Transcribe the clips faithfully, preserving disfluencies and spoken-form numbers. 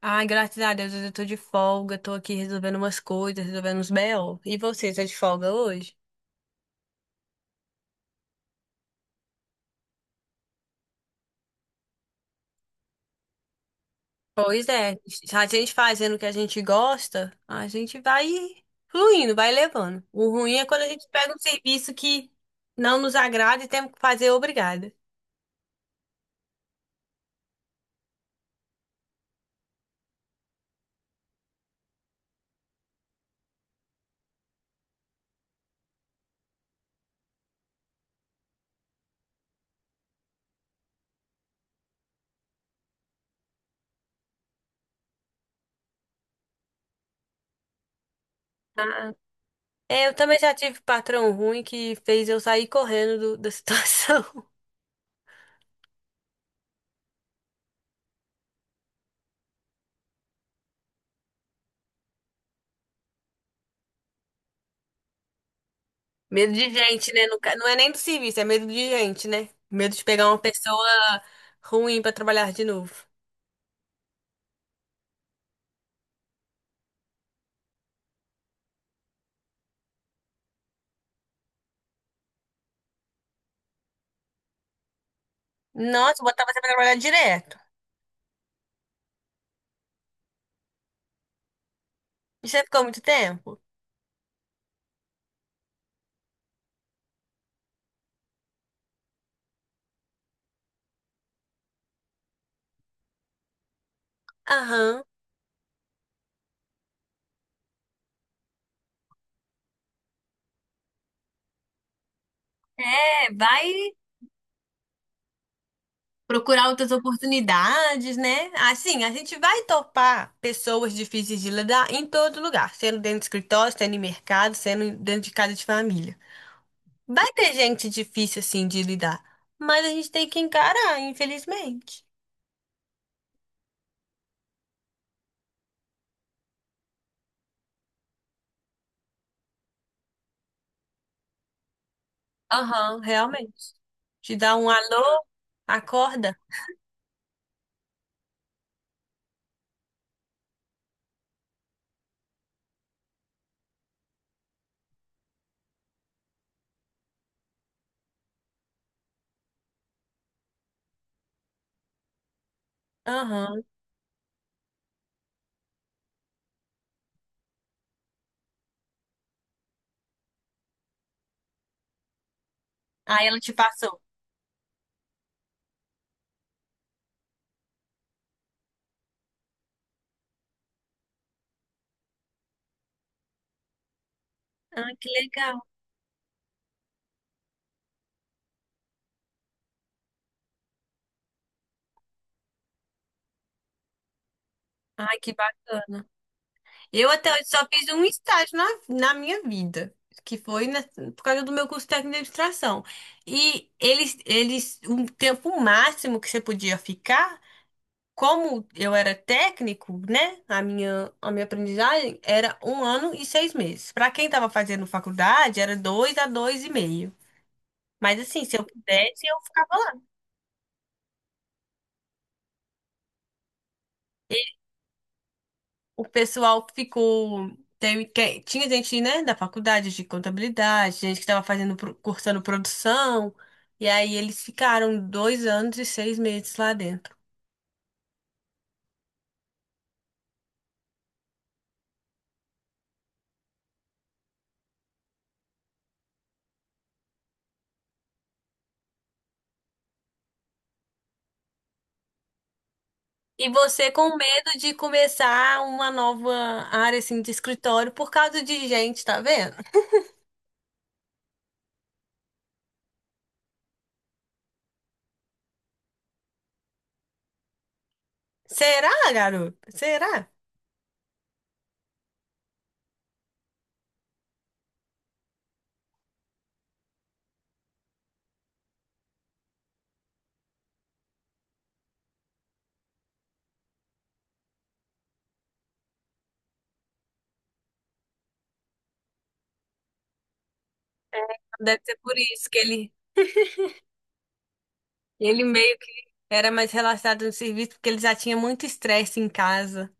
Ai, graças a Deus, hoje eu tô de folga, tô aqui resolvendo umas coisas, resolvendo uns B O. E você, tá de folga hoje? Pois é, a gente fazendo o que a gente gosta, a gente vai fluindo, vai levando. O ruim é quando a gente pega um serviço que não nos agrada e temos que fazer obrigada. Ah. É, eu também já tive patrão ruim que fez eu sair correndo do- da situação. Medo de gente, né? No ca- Não é nem do serviço, é medo de gente, né? Medo de pegar uma pessoa ruim pra trabalhar de novo. Nossa, botava você pra trabalhar direto. E você ficou muito tempo? Aham. É, vai procurar outras oportunidades, né? Assim, a gente vai topar pessoas difíceis de lidar em todo lugar, sendo dentro de escritório, sendo em mercado, sendo dentro de casa de família. Vai ter gente difícil, assim, de lidar, mas a gente tem que encarar, infelizmente. Aham, realmente. Te dá um alô, acorda. Aham. Aí ela te passou. Ah, que legal. Ai, que. Eu até hoje só fiz um estágio na, na minha vida, que foi na- por causa do meu curso técnico de administração. E eles, eles, o tempo máximo que você podia ficar, como eu era técnico, né? A minha, a minha aprendizagem era um ano e seis meses. Para quem estava fazendo faculdade, era dois a dois e meio. Mas assim, se eu pudesse, eu ficava o pessoal ficou. Teve, que- é, tinha gente, né, da faculdade de contabilidade, gente que estava fazendo, pro- cursando produção, e aí eles ficaram dois anos e seis meses lá dentro. E você com medo de começar uma nova área assim de escritório por causa de gente, tá vendo? Será, garoto? Será? Deve ser por isso que ele, ele meio que era mais relaxado no serviço, porque ele já tinha muito estresse em casa.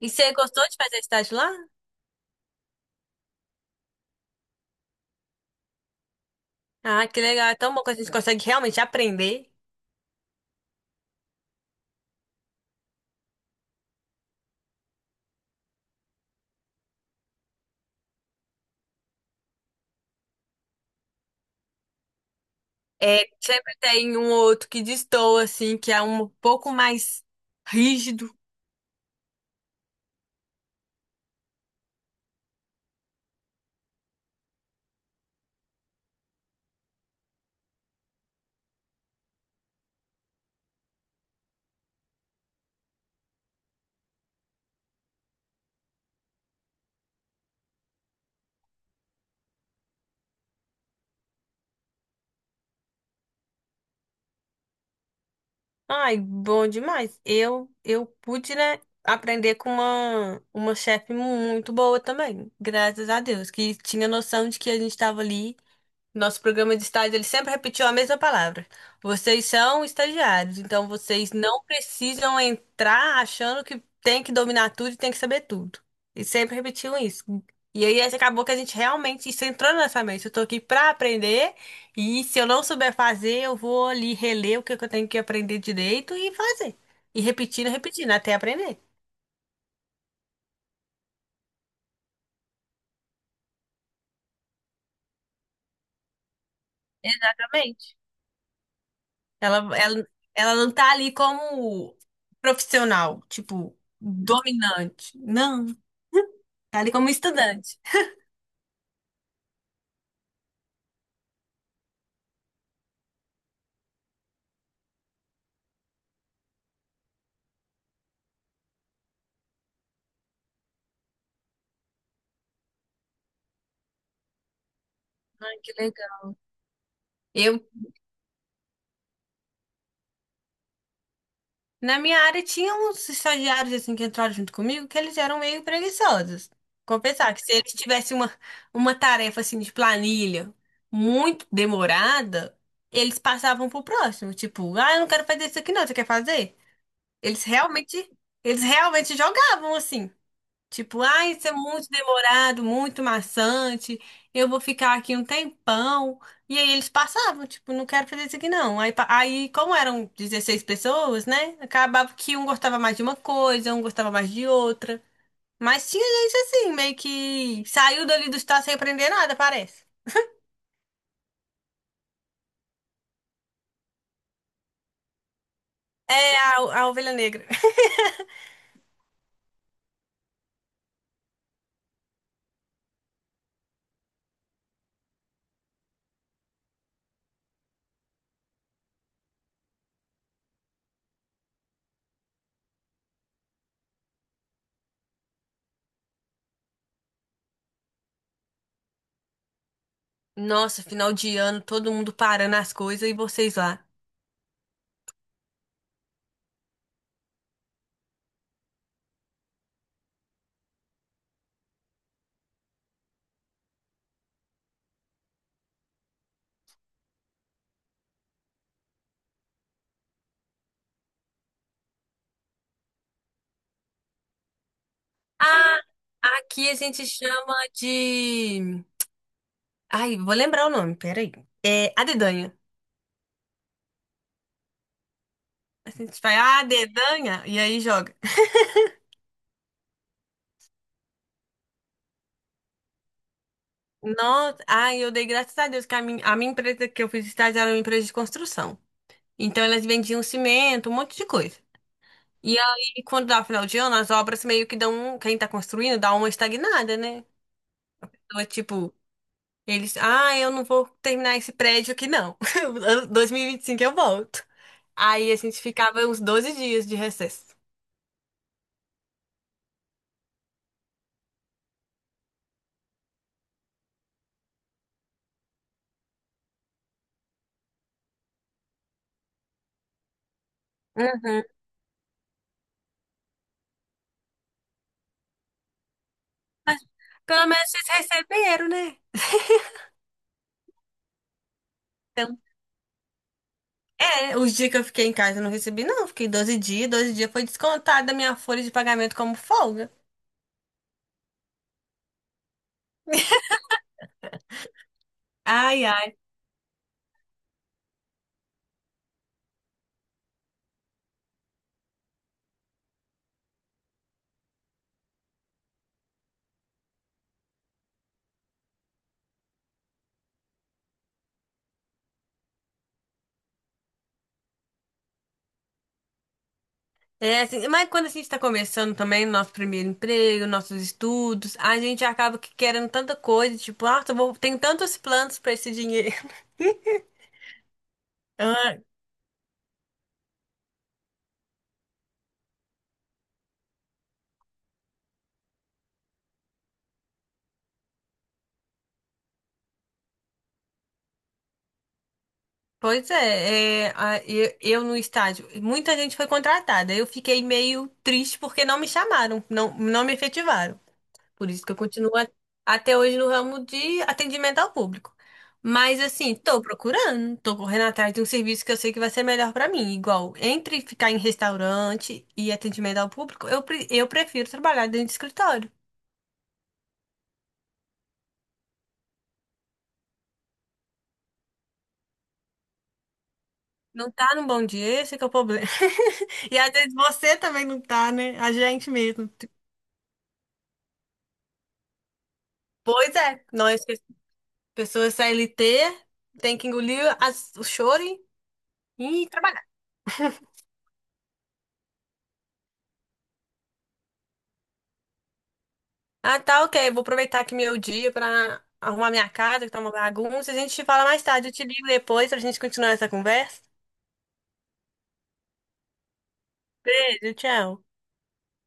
E você gostou de fazer estágio lá? Ah, que legal. É tão bom que a gente consegue realmente aprender. É, sempre tem um ou outro que destoa, assim, que é um pouco mais rígido. Ai, bom demais. Eu, eu pude, né, aprender com uma, uma chefe muito boa também, graças a Deus, que tinha noção de que a gente estava ali. Nosso programa de estágio, ele sempre repetiu a mesma palavra. Vocês são estagiários, então vocês não precisam entrar achando que tem que dominar tudo e tem que saber tudo. E sempre repetiam isso. E aí acabou que a gente realmente isso entrou na nossa mente. Eu tô aqui pra aprender e se eu não souber fazer, eu vou ali reler o que que eu tenho que aprender direito e fazer. E repetindo, repetindo até aprender. Exatamente. Ela, ela, ela não tá ali como profissional, tipo, dominante. Não, tá ali como estudante. Ai, que legal. Eu, na minha área, tinha uns estagiários assim que entraram junto comigo que eles eram meio preguiçosos. Confessar que se eles tivessem uma, uma tarefa assim de planilha muito demorada, eles passavam pro próximo, tipo, ah, eu não quero fazer isso aqui não, você quer fazer? Eles realmente, eles realmente jogavam assim. Tipo, ah, isso é muito demorado, muito maçante, eu vou ficar aqui um tempão. E aí eles passavam, tipo, não quero fazer isso aqui não. Aí, pa- aí como eram dezesseis pessoas, né? Acabava que um gostava mais de uma coisa, um gostava mais de outra. Mas tinha gente assim, meio que saiu dali do estado sem aprender nada, parece. É a, a ovelha negra. Nossa, final de ano, todo mundo parando as coisas e vocês lá. Ah, aqui a gente chama de. Ai, vou lembrar o nome, peraí. É a dedanha. Assim, a gente vai, ah, dedanha, e aí joga. Nossa, ai, eu dei graças a Deus que a minha, a minha empresa que eu fiz estágio era uma empresa de construção. Então elas vendiam cimento, um monte de coisa. E aí, quando dá final de ano, as obras meio que dão, um- quem tá construindo dá uma estagnada, né? Então é tipo, eles, ah, eu não vou terminar esse prédio aqui não. Ano dois mil e vinte e cinco eu volto. Aí a gente ficava uns doze dias de recesso. Uhum. Pelo menos vocês receberam, né? Então, é, os dias que eu fiquei em casa eu não recebi, não. Fiquei doze dias, doze dias foi descontado da minha folha de pagamento como folga. Ai, ai. É assim, mas quando a gente tá começando também nosso primeiro emprego, nossos estudos, a gente acaba que querendo tanta coisa, tipo, ah, eu vou, tenho tantos planos pra esse dinheiro. Ah, pois é, é, a- eu, eu no estágio, muita gente foi contratada. Eu fiquei meio triste porque não me chamaram, não, não me efetivaram. Por isso que eu continuo a- até hoje no ramo de atendimento ao público. Mas assim, tô procurando, tô correndo atrás de um serviço que eu sei que vai ser melhor pra mim. Igual, entre ficar em restaurante e atendimento ao público, eu, pre- eu prefiro trabalhar dentro de escritório. Não tá num bom dia, esse é que é o problema. E às vezes você também não tá, né? A gente mesmo. Pois é, nós, pessoas C L T, tem que engolir as- o choro e e trabalhar. Ah, tá, ok. Vou aproveitar aqui meu dia pra arrumar minha casa, que tá uma bagunça. A gente fala mais tarde. Eu te ligo depois pra gente continuar essa conversa. Beijo, tchau.